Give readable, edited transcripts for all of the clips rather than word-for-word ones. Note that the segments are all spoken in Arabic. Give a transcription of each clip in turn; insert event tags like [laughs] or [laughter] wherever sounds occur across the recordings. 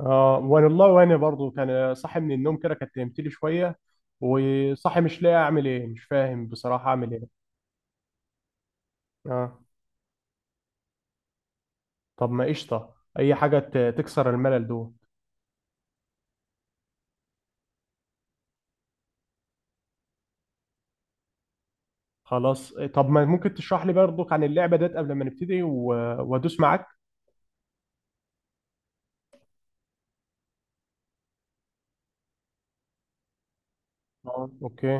اه والله، وانا برضو كان صاحي من النوم كده. كانت نمت لي شويه وصاحي مش لاقي اعمل ايه، مش فاهم بصراحه اعمل ايه. اه. طب ما قشطه، اي حاجه تكسر الملل دوت. خلاص، طب ما ممكن تشرح لي برضو عن اللعبه ديت قبل ما نبتدي وادوس معاك. اه اوكي.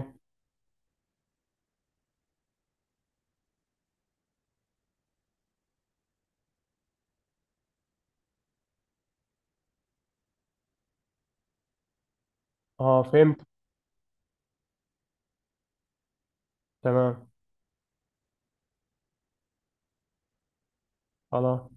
اه فهمت. تمام. خلاص.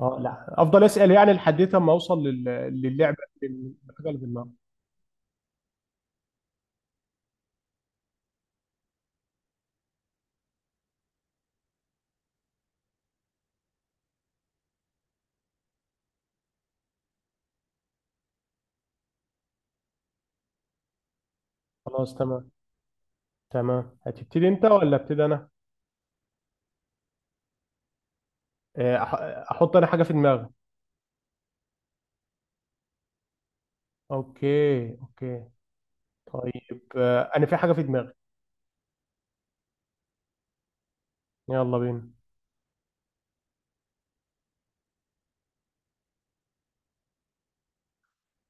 اه لا، افضل اسال يعني لحد ما اوصل للعبه للحاجه اللي في دماغي. خلاص تمام. تمام، هتبتدي انت ولا ابتدي انا؟ احط انا حاجه في دماغي. اوكي اوكي. طيب انا في حاجه في دماغي. يلا بينا.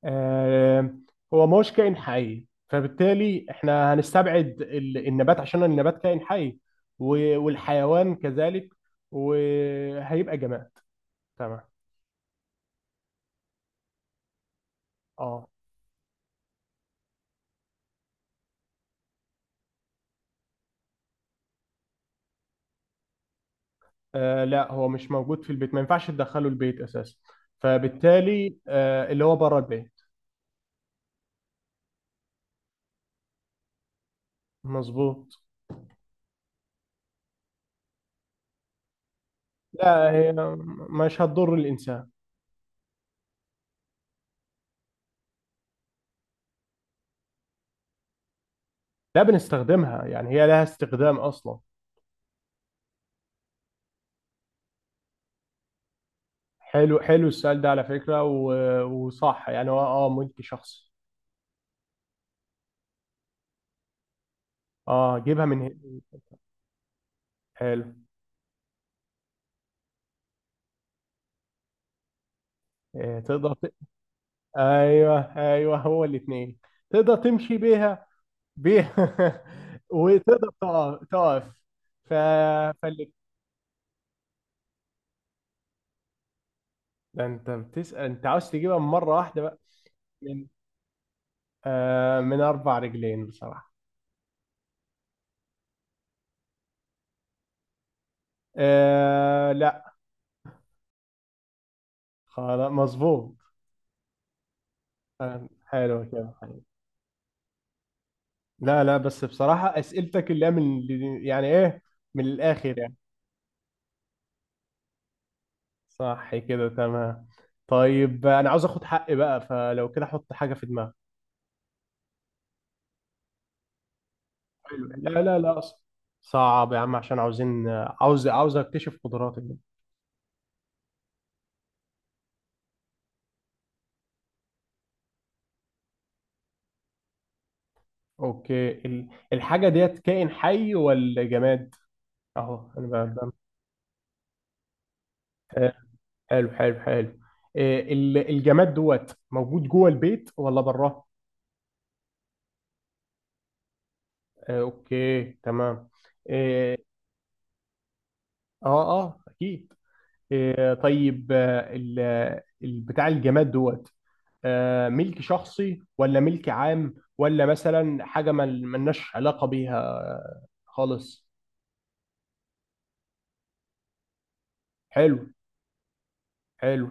آه، هو ما هوش كائن حي، فبالتالي احنا هنستبعد النبات عشان النبات كائن حي، والحيوان كذلك، وهيبقى جماد. تمام. اه لا، هو مش موجود في البيت، ما ينفعش تدخله البيت اساسا، فبالتالي اللي هو بره البيت. مظبوط. لا، هي مش هتضر الانسان. لا بنستخدمها، يعني هي لها استخدام اصلا. حلو، حلو السؤال ده على فكرة وصح. يعني هو اه ملك شخصي. اه جيبها من هنا. حلو. آه تقدر ت... ايوه ايوه، هو الاثنين، تقدر تمشي بيها بيها [laughs] وتقدر تقف تقف. ف... فال... ده انت بتسأل، انت عاوز تجيبها من مرة واحدة بقى؟ من من اربع رجلين بصراحة. آه لا. خلاص مظبوط. آه حلو كده. لا لا، بس بصراحة أسئلتك اللي هي من، يعني إيه، من الآخر يعني. صح كده تمام. طيب أنا عاوز آخد حقي بقى، فلو كده حط حاجة في دماغك. حلو، لا لا لا، أصلا صعب يا عم، عشان عاوزين عاوز أكتشف قدراتك دي. أوكي، الحاجة ديت كائن حي ولا جماد؟ أهو أنا بقى آه، حلو حلو حلو. إيه، الجماد دوت موجود جوه البيت ولا بره؟ أوكي تمام. إيه. اه اه اكيد. إيه، طيب بتاع الجماد دوت ملك شخصي ولا ملك عام، ولا مثلا حاجة ما ملناش علاقة بيها خالص؟ حلو حلو.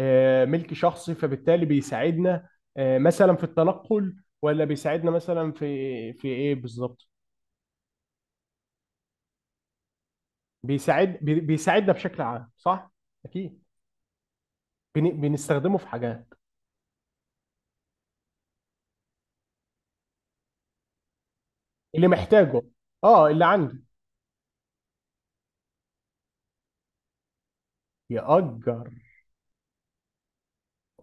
ملك شخصي، فبالتالي بيساعدنا مثلا في التنقل، ولا بيساعدنا مثلا في ايه بالظبط؟ بيساعدنا بشكل عام صح؟ اكيد. بنستخدمه في حاجات. اللي محتاجه. اه اللي عندي. يأجر.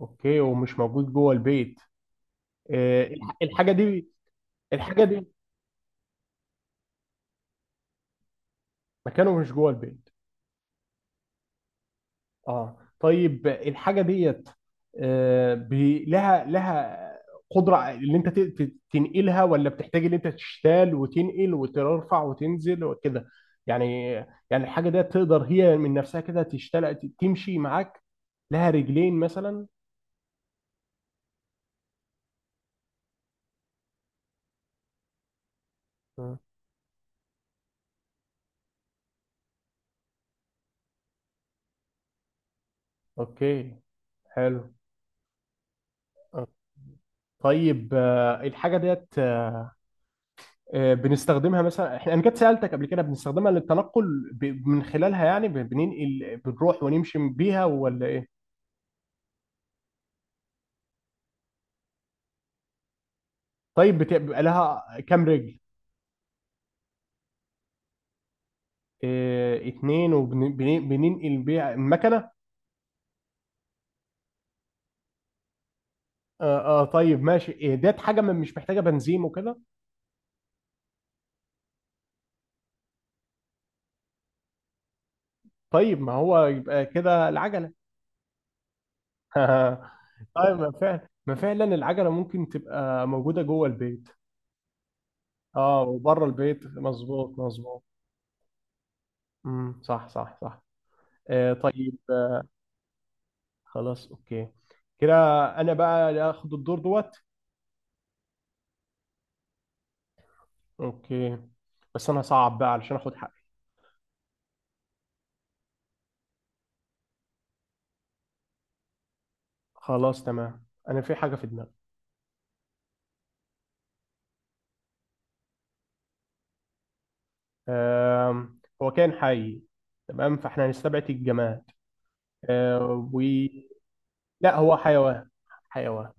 اوكي، ومش موجود جوه البيت. آه، الحاجه دي الحاجه دي مكانه مش جوه البيت. اه طيب الحاجه ديت لها لها قدره ان انت تنقلها، ولا بتحتاج ان انت تشتال وتنقل وترفع وتنزل وكده يعني؟ يعني الحاجه ديت تقدر هي من نفسها كده تشتال تمشي معاك، لها رجلين مثلا. مم. اوكي حلو. آه. طيب الحاجه ديت بنستخدمها مثلا احنا، انا كنت سالتك قبل كده، بنستخدمها للتنقل من خلالها، يعني بننقل بنروح ونمشي بيها ولا ايه؟ طيب بيبقى لها كام رجل؟ إيه اتنين، وبننقل بيها المكنه؟ اه، آه طيب ماشي، إيه ديت حاجه مش محتاجه بنزين وكده؟ طيب ما هو يبقى كده العجله. [laughs] طيب ما فعلا، ما فعلا العجله ممكن تبقى موجوده جوه البيت. اه وبره البيت، مظبوط مظبوط. صح صح صح. آه طيب. خلاص اوكي كده. انا بقى اللي اخد الدور دوت. اوكي، بس انا هصعب بقى علشان اخد حقي. خلاص تمام، انا في حاجه في دماغي. هو كان حي، تمام، فاحنا هنستبعد الجماد. آه، و لا هو حيوان. حيوان.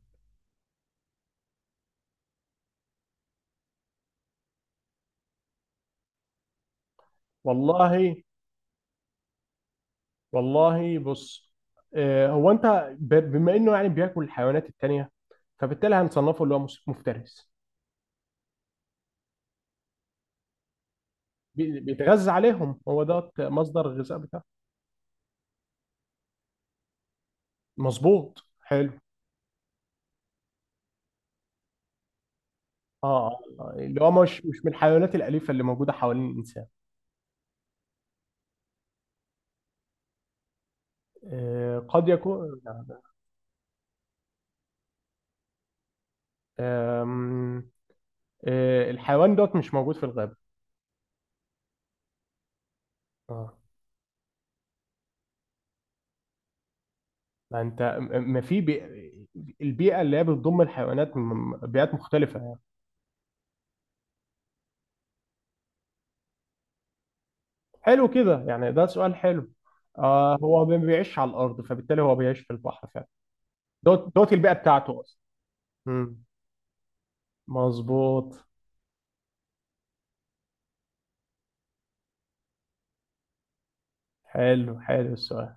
والله. والله بص، آه، هو انت بما انه يعني بياكل الحيوانات التانية فبالتالي هنصنفه اللي هو مفترس. بيتغذى عليهم، هو ده مصدر الغذاء بتاعه. مظبوط حلو. اه يعني اللي هو مش من الحيوانات الأليفة اللي موجودة حوالين الإنسان. قد يكون. آم، آه، الحيوان دوت مش موجود في الغابة. اه. ما انت م- ما في بي... البيئة اللي هي بتضم الحيوانات من بيئات مختلفة يعني. حلو كده، يعني ده سؤال حلو. آه، هو ما بيعيش على الأرض، فبالتالي هو بيعيش في البحر فعلا. دوت دوت البيئة بتاعته أصلا. مم. مظبوط. حلو حلو السؤال.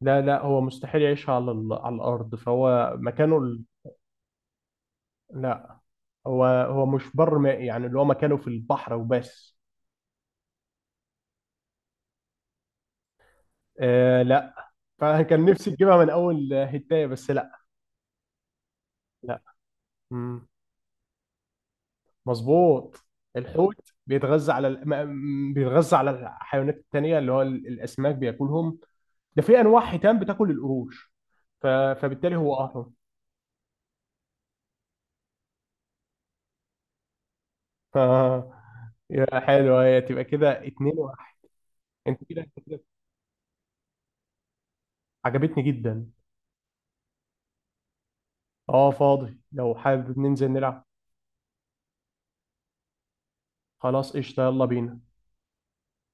لا لا، هو مستحيل يعيش على الأرض، فهو مكانه. لا، هو مش بر مائي، يعني اللي هو مكانه في البحر وبس. آه لا. فكان نفسي تجيبها من اول هتاية، بس لا. لا. مم. مظبوط. الحوت بيتغذى على ال... ما- م- بيتغذى على الحيوانات التانية، اللي هو الاسماك بياكلهم. ده في انواع حيتان بتاكل القروش، فبالتالي هو اهرم. ف... يا حلو، هي تبقى كده اتنين واحد. انت كده عجبتني جدا. اه فاضي، لو حابب ننزل نلعب. خلاص قشطة، يلا بينا.